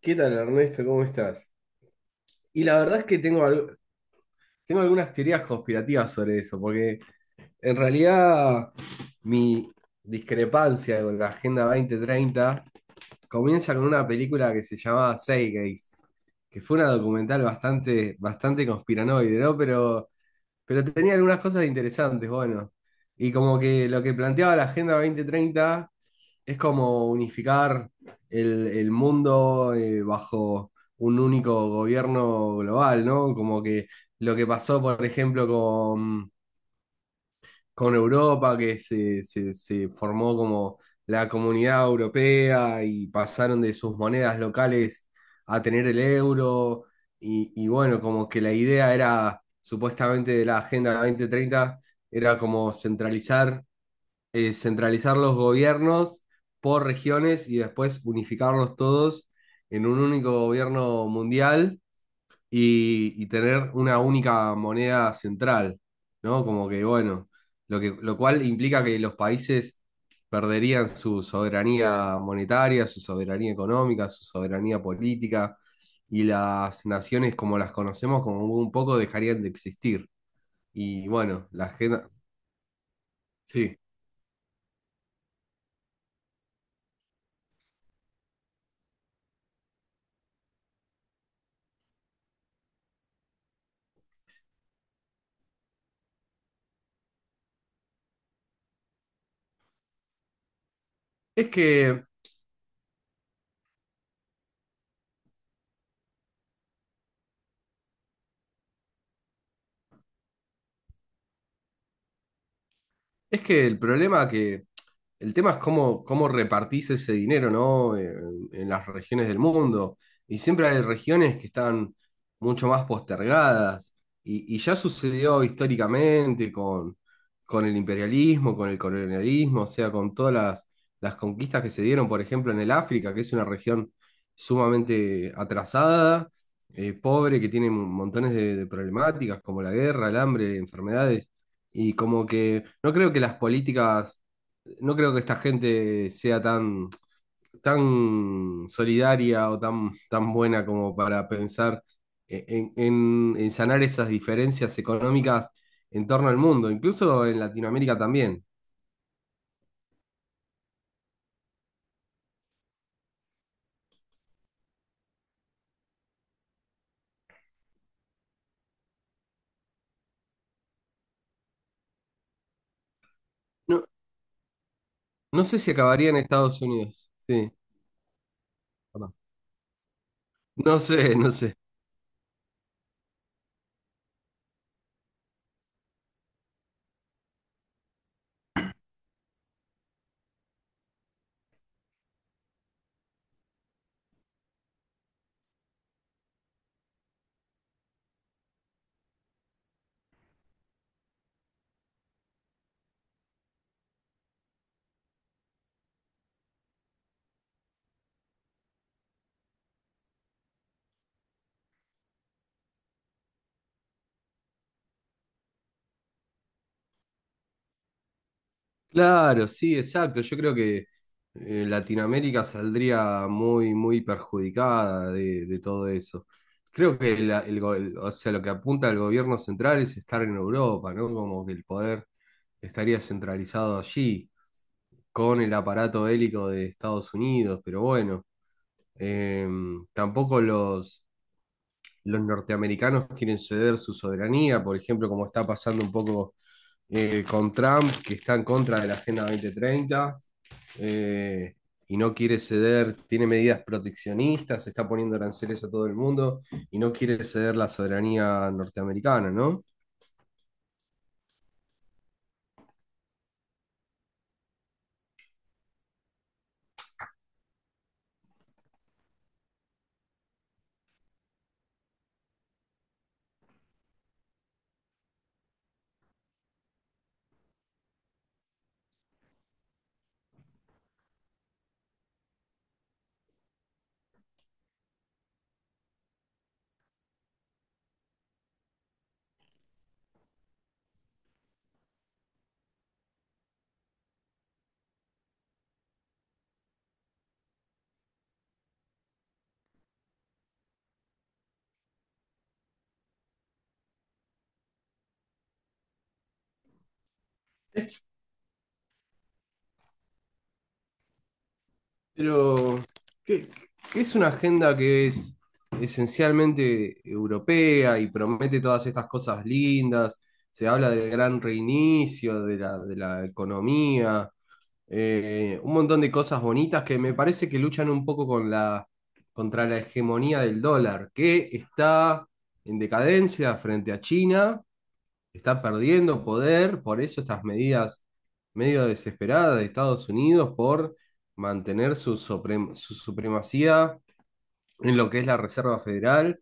¿Qué tal, Ernesto? ¿Cómo estás? Y la verdad es que tengo, tengo algunas teorías conspirativas sobre eso, porque en realidad mi discrepancia con la Agenda dos mil treinta comienza con una película que se llamaba Zeitgeist, que fue una documental bastante, bastante conspiranoide, ¿no? Pero tenía algunas cosas interesantes, bueno. Y como que lo que planteaba la Agenda dos mil treinta es como unificar el mundo, bajo un único gobierno global, ¿no? Como que lo que pasó, por ejemplo, con Europa, que se formó como la comunidad europea y pasaron de sus monedas locales a tener el euro. Y bueno, como que la idea era, supuestamente, de la Agenda 2030, era como centralizar, centralizar los gobiernos por regiones y después unificarlos todos en un único gobierno mundial y tener una única moneda central, ¿no? Como que, bueno, lo que, lo cual implica que los países perderían su soberanía monetaria, su soberanía económica, su soberanía política, y las naciones como las conocemos como un poco dejarían de existir. Y bueno, la agenda... Sí. Es que Es que el problema que el tema es cómo, cómo repartís ese dinero, ¿no? En las regiones del mundo. Y siempre hay regiones que están mucho más postergadas. Y ya sucedió históricamente con el imperialismo, con el colonialismo, o sea, con todas las conquistas que se dieron, por ejemplo, en el África, que es una región sumamente atrasada, pobre, que tiene montones de problemáticas como la guerra, el hambre, enfermedades. Y como que no creo que las políticas no creo que esta gente sea tan, tan solidaria o tan, tan buena como para pensar, en, en sanar esas diferencias económicas en torno al mundo, incluso en Latinoamérica también. No, no sé si acabaría en Estados Unidos. Sí, perdón. No sé, no sé. Claro, sí, exacto. Yo creo que, Latinoamérica saldría muy, muy perjudicada de todo eso. Creo que o sea, lo que apunta el gobierno central es estar en Europa, ¿no? Como que el poder estaría centralizado allí, con el aparato bélico de Estados Unidos, pero bueno, eh, tampoco los norteamericanos quieren ceder su soberanía, por ejemplo, como está pasando un poco, con Trump, que está en contra de la Agenda 2030, eh, y no quiere ceder, tiene medidas proteccionistas, está poniendo aranceles a todo el mundo y no quiere ceder la soberanía norteamericana, ¿no? Pero ¿qué, qué es una agenda que es esencialmente europea y promete todas estas cosas lindas? Se habla del gran reinicio, de la economía, un montón de cosas bonitas que me parece que luchan un poco con la, contra la hegemonía del dólar, que está en decadencia frente a China, está perdiendo poder, por eso estas medidas medio desesperadas de Estados Unidos por mantener su, su supremacía en lo que es la Reserva Federal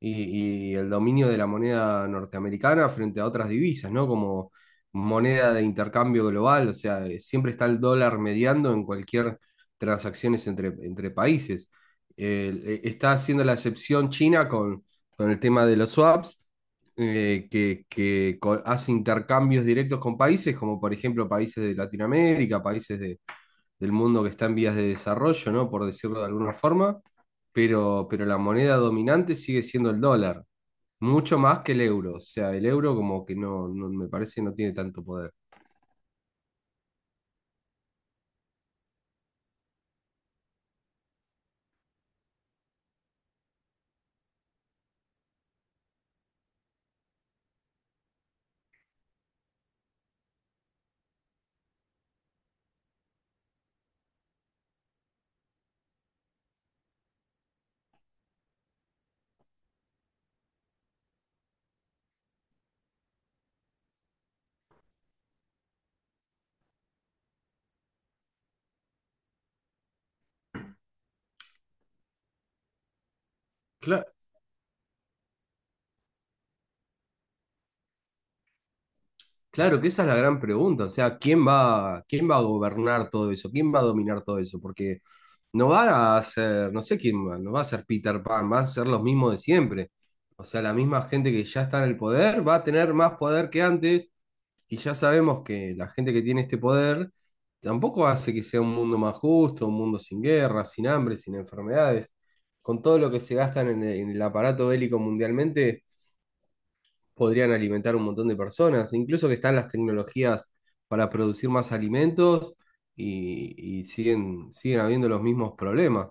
y el dominio de la moneda norteamericana frente a otras divisas, ¿no? Como moneda de intercambio global, o sea, siempre está el dólar mediando en cualquier transacciones entre, entre países. Está haciendo la excepción China con el tema de los swaps, que, hace intercambios directos con países, como por ejemplo países de Latinoamérica, países de, del mundo que está en vías de desarrollo, ¿no? Por decirlo de alguna forma, pero la moneda dominante sigue siendo el dólar, mucho más que el euro. O sea, el euro como que no, me parece no tiene tanto poder. Cla- claro que esa es la gran pregunta. O sea, quién va a gobernar todo eso? ¿Quién va a dominar todo eso? Porque no va a ser, no sé quién va, no va a ser Peter Pan, va a ser los mismos de siempre. O sea, la misma gente que ya está en el poder va a tener más poder que antes. Y ya sabemos que la gente que tiene este poder tampoco hace que sea un mundo más justo, un mundo sin guerras, sin hambre, sin enfermedades. Con todo lo que se gastan en el aparato bélico mundialmente, podrían alimentar un montón de personas, incluso que están las tecnologías para producir más alimentos y siguen, siguen habiendo los mismos problemas.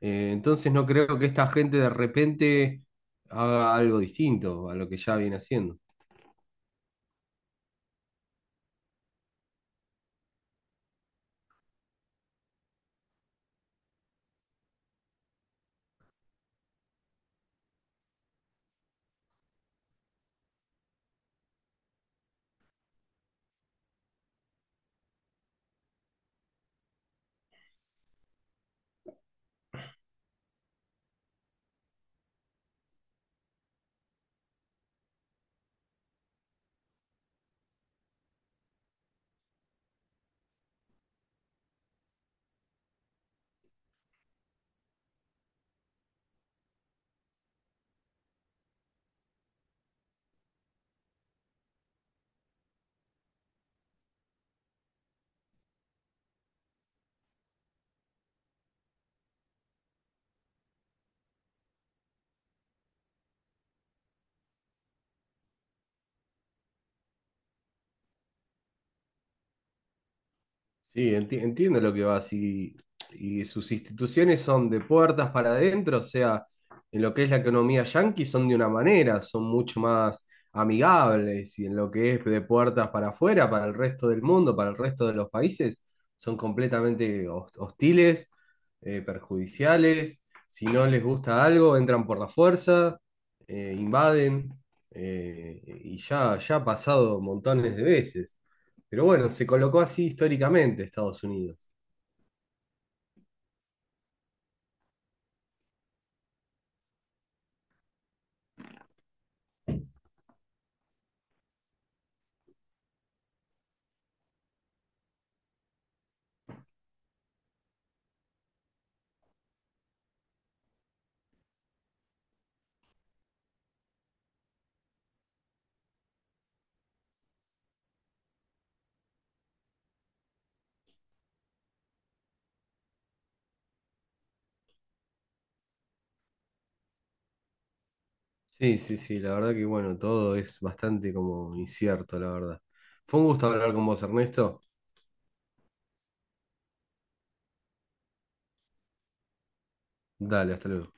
Entonces no creo que esta gente de repente haga algo distinto a lo que ya viene haciendo. Sí, entiendo lo que vas, y sus instituciones son de puertas para adentro, o sea, en lo que es la economía yanqui son de una manera, son mucho más amigables, y en lo que es de puertas para afuera, para el resto del mundo, para el resto de los países, son completamente hostiles, perjudiciales, si no les gusta algo, entran por la fuerza, invaden, eh, ya ha pasado montones de veces. Pero bueno, se colocó así históricamente Estados Unidos. Sí, sí, sí, la verdad que bueno, todo es bastante como incierto, la verdad. Fue un gusto hablar con vos, Ernesto. Dale, hasta luego.